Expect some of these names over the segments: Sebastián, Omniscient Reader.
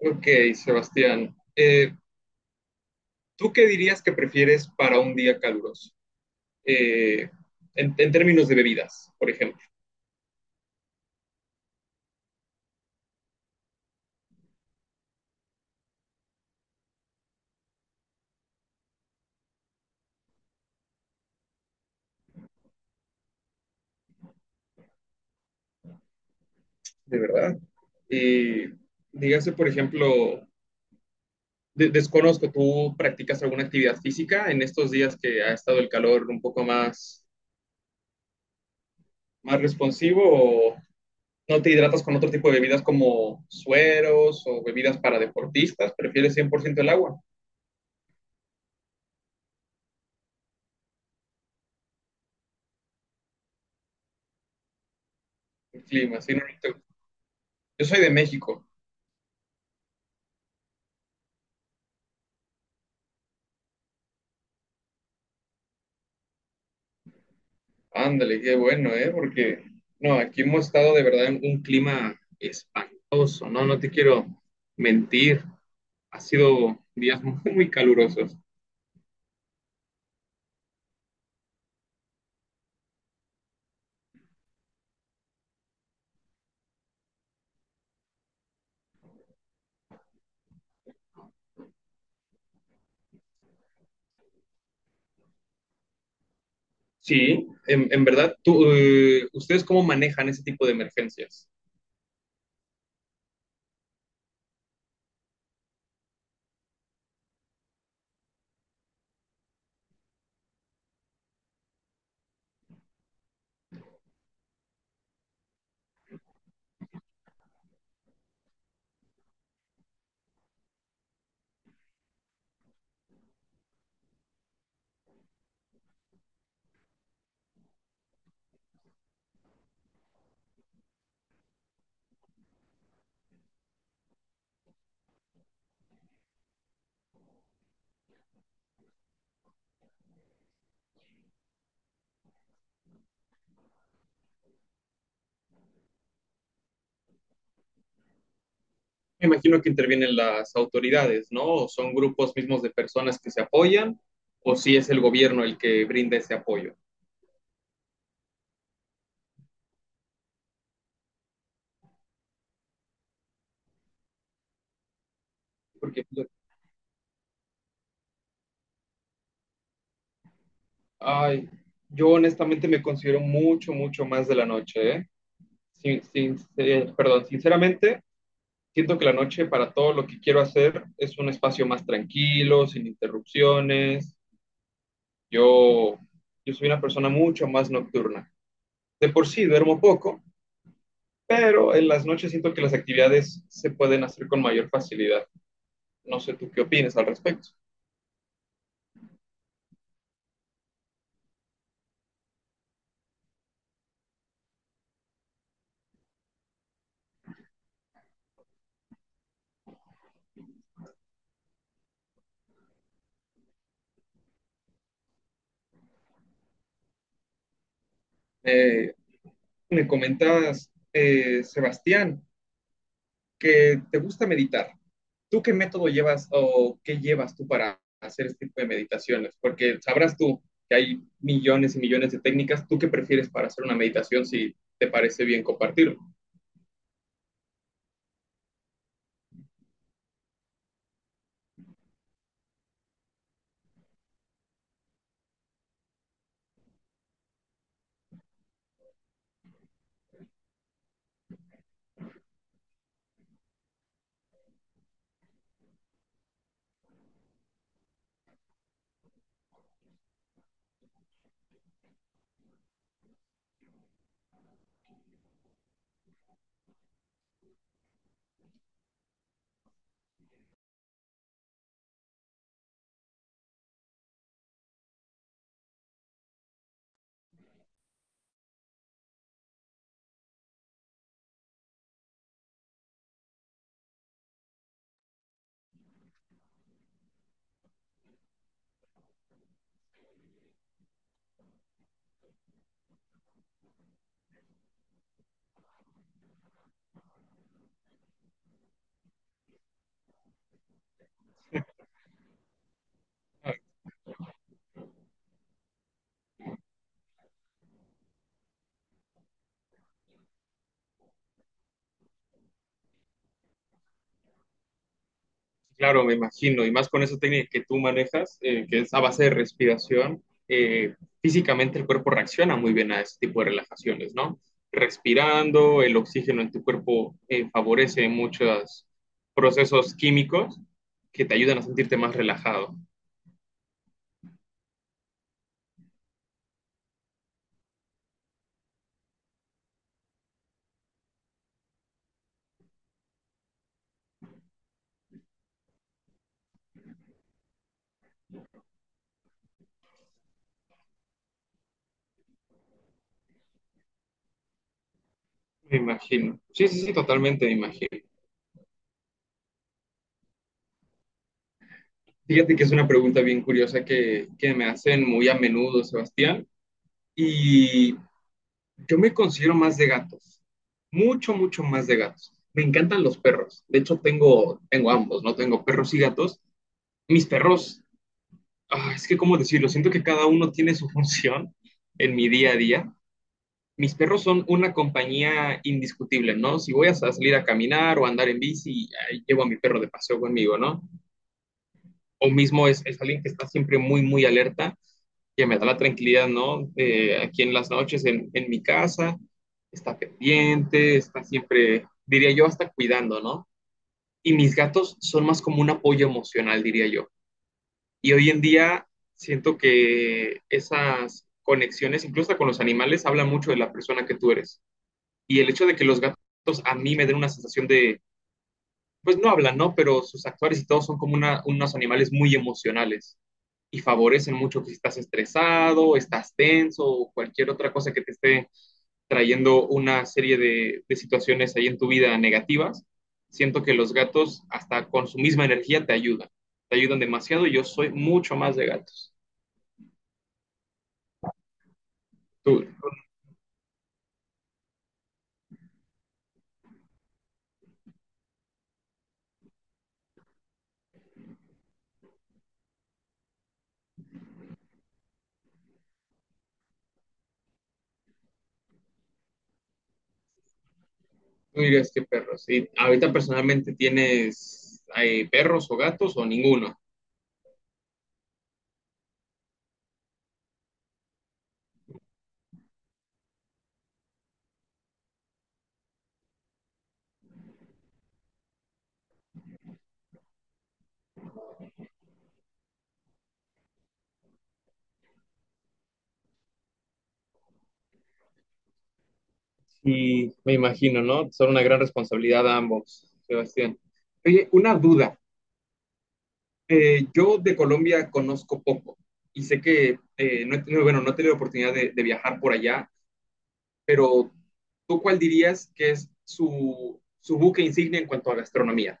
Ok, Sebastián. ¿Tú qué dirías que prefieres para un día caluroso? Eh, en términos de bebidas, por ejemplo, de verdad. Eh, dígase, por ejemplo, desconozco, ¿tú practicas alguna actividad física en estos días que ha estado el calor un poco más, más responsivo o no te hidratas con otro tipo de bebidas como sueros o bebidas para deportistas? ¿Prefieres 100% el agua? El clima, sí, no, no. Yo soy de México. Ándale, qué bueno, ¿eh? Porque no, aquí hemos estado de verdad en un clima espantoso, ¿no? No te quiero mentir, ha sido días muy calurosos. Sí, en verdad, tú, ¿ustedes cómo manejan ese tipo de emergencias? Me imagino que intervienen las autoridades, ¿no? ¿O son grupos mismos de personas que se apoyan, o si es el gobierno el que brinda ese apoyo? Porque ay, yo honestamente me considero mucho, mucho más de la noche, ¿eh? Perdón, sinceramente, siento que la noche para todo lo que quiero hacer es un espacio más tranquilo, sin interrupciones. Yo, yo soy una persona mucho más nocturna. De por sí duermo poco, pero en las noches siento que las actividades se pueden hacer con mayor facilidad. No sé tú qué opinas al respecto. Eh, me comentabas, Sebastián, que te gusta meditar. ¿Tú qué método llevas o qué llevas tú para hacer este tipo de meditaciones? Porque sabrás tú que hay millones y millones de técnicas. ¿Tú qué prefieres para hacer una meditación si te parece bien compartirlo? Claro, me imagino, y más con esa técnica que tú manejas, que es a base de respiración. Físicamente el cuerpo reacciona muy bien a ese tipo de relajaciones, ¿no? Respirando, el oxígeno en tu cuerpo favorece muchos procesos químicos que te ayudan a sentirte más relajado. Me imagino. Sí, sí, sí, totalmente me imagino. Fíjate que es una pregunta bien curiosa que me hacen muy a menudo, Sebastián. Y yo me considero más de gatos. Mucho, mucho más de gatos. Me encantan los perros. De hecho, tengo ambos, ¿no? Tengo perros y gatos. Mis perros, ah, es que, ¿cómo decirlo? Siento que cada uno tiene su función en mi día a día. Mis perros son una compañía indiscutible, ¿no? Si voy a salir a caminar o a andar en bici, ahí llevo a mi perro de paseo conmigo, ¿no? O mismo es alguien que está siempre muy, muy alerta, que me da la tranquilidad, ¿no? Aquí en las noches, en mi casa, está pendiente, está siempre, diría yo, hasta cuidando, ¿no? Y mis gatos son más como un apoyo emocional, diría yo. Y hoy en día siento que esas conexiones, incluso hasta con los animales, hablan mucho de la persona que tú eres. Y el hecho de que los gatos a mí me den una sensación de pues no hablan, ¿no? Pero sus actores y todos son como unos animales muy emocionales y favorecen mucho que si estás estresado, estás tenso o cualquier otra cosa que te esté trayendo una serie de situaciones ahí en tu vida negativas. Siento que los gatos, hasta con su misma energía, te ayudan. Te ayudan demasiado y yo soy mucho más de gatos. Tú, tú dirías que perros. ¿Y ahorita personalmente tienes perros o gatos o ninguno? Y me imagino, ¿no? Son una gran responsabilidad a ambos, Sebastián. Oye, una duda. Yo de Colombia conozco poco y sé que no he tenido, bueno, no he tenido oportunidad de viajar por allá, pero ¿tú cuál dirías que es su, su buque insignia en cuanto a gastronomía?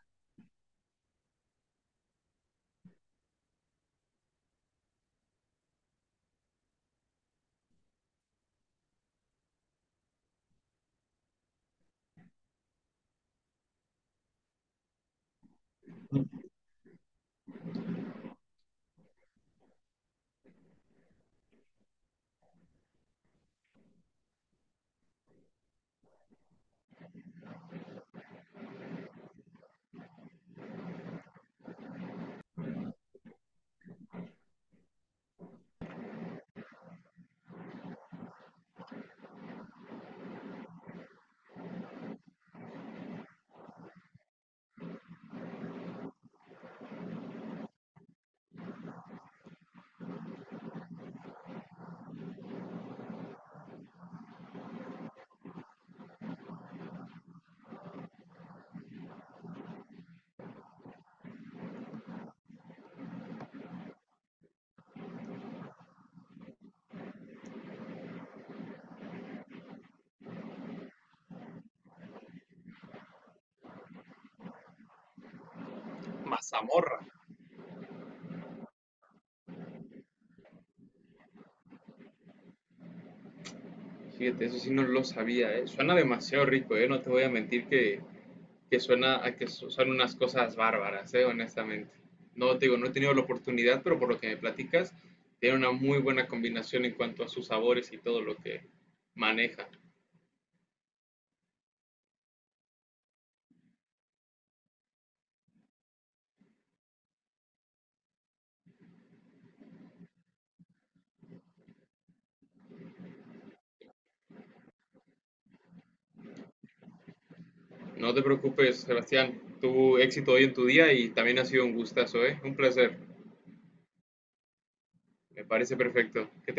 Mazamorra. Fíjate, eso sí no lo sabía, ¿eh? Suena demasiado rico, ¿eh? No te voy a mentir que suena a que son unas cosas bárbaras, honestamente. No te digo, no he tenido la oportunidad, pero por lo que me platicas, tiene una muy buena combinación en cuanto a sus sabores y todo lo que maneja. No te preocupes, Sebastián. Tuvo éxito hoy en tu día y también ha sido un gustazo, ¿eh? Un placer. Me parece perfecto. Que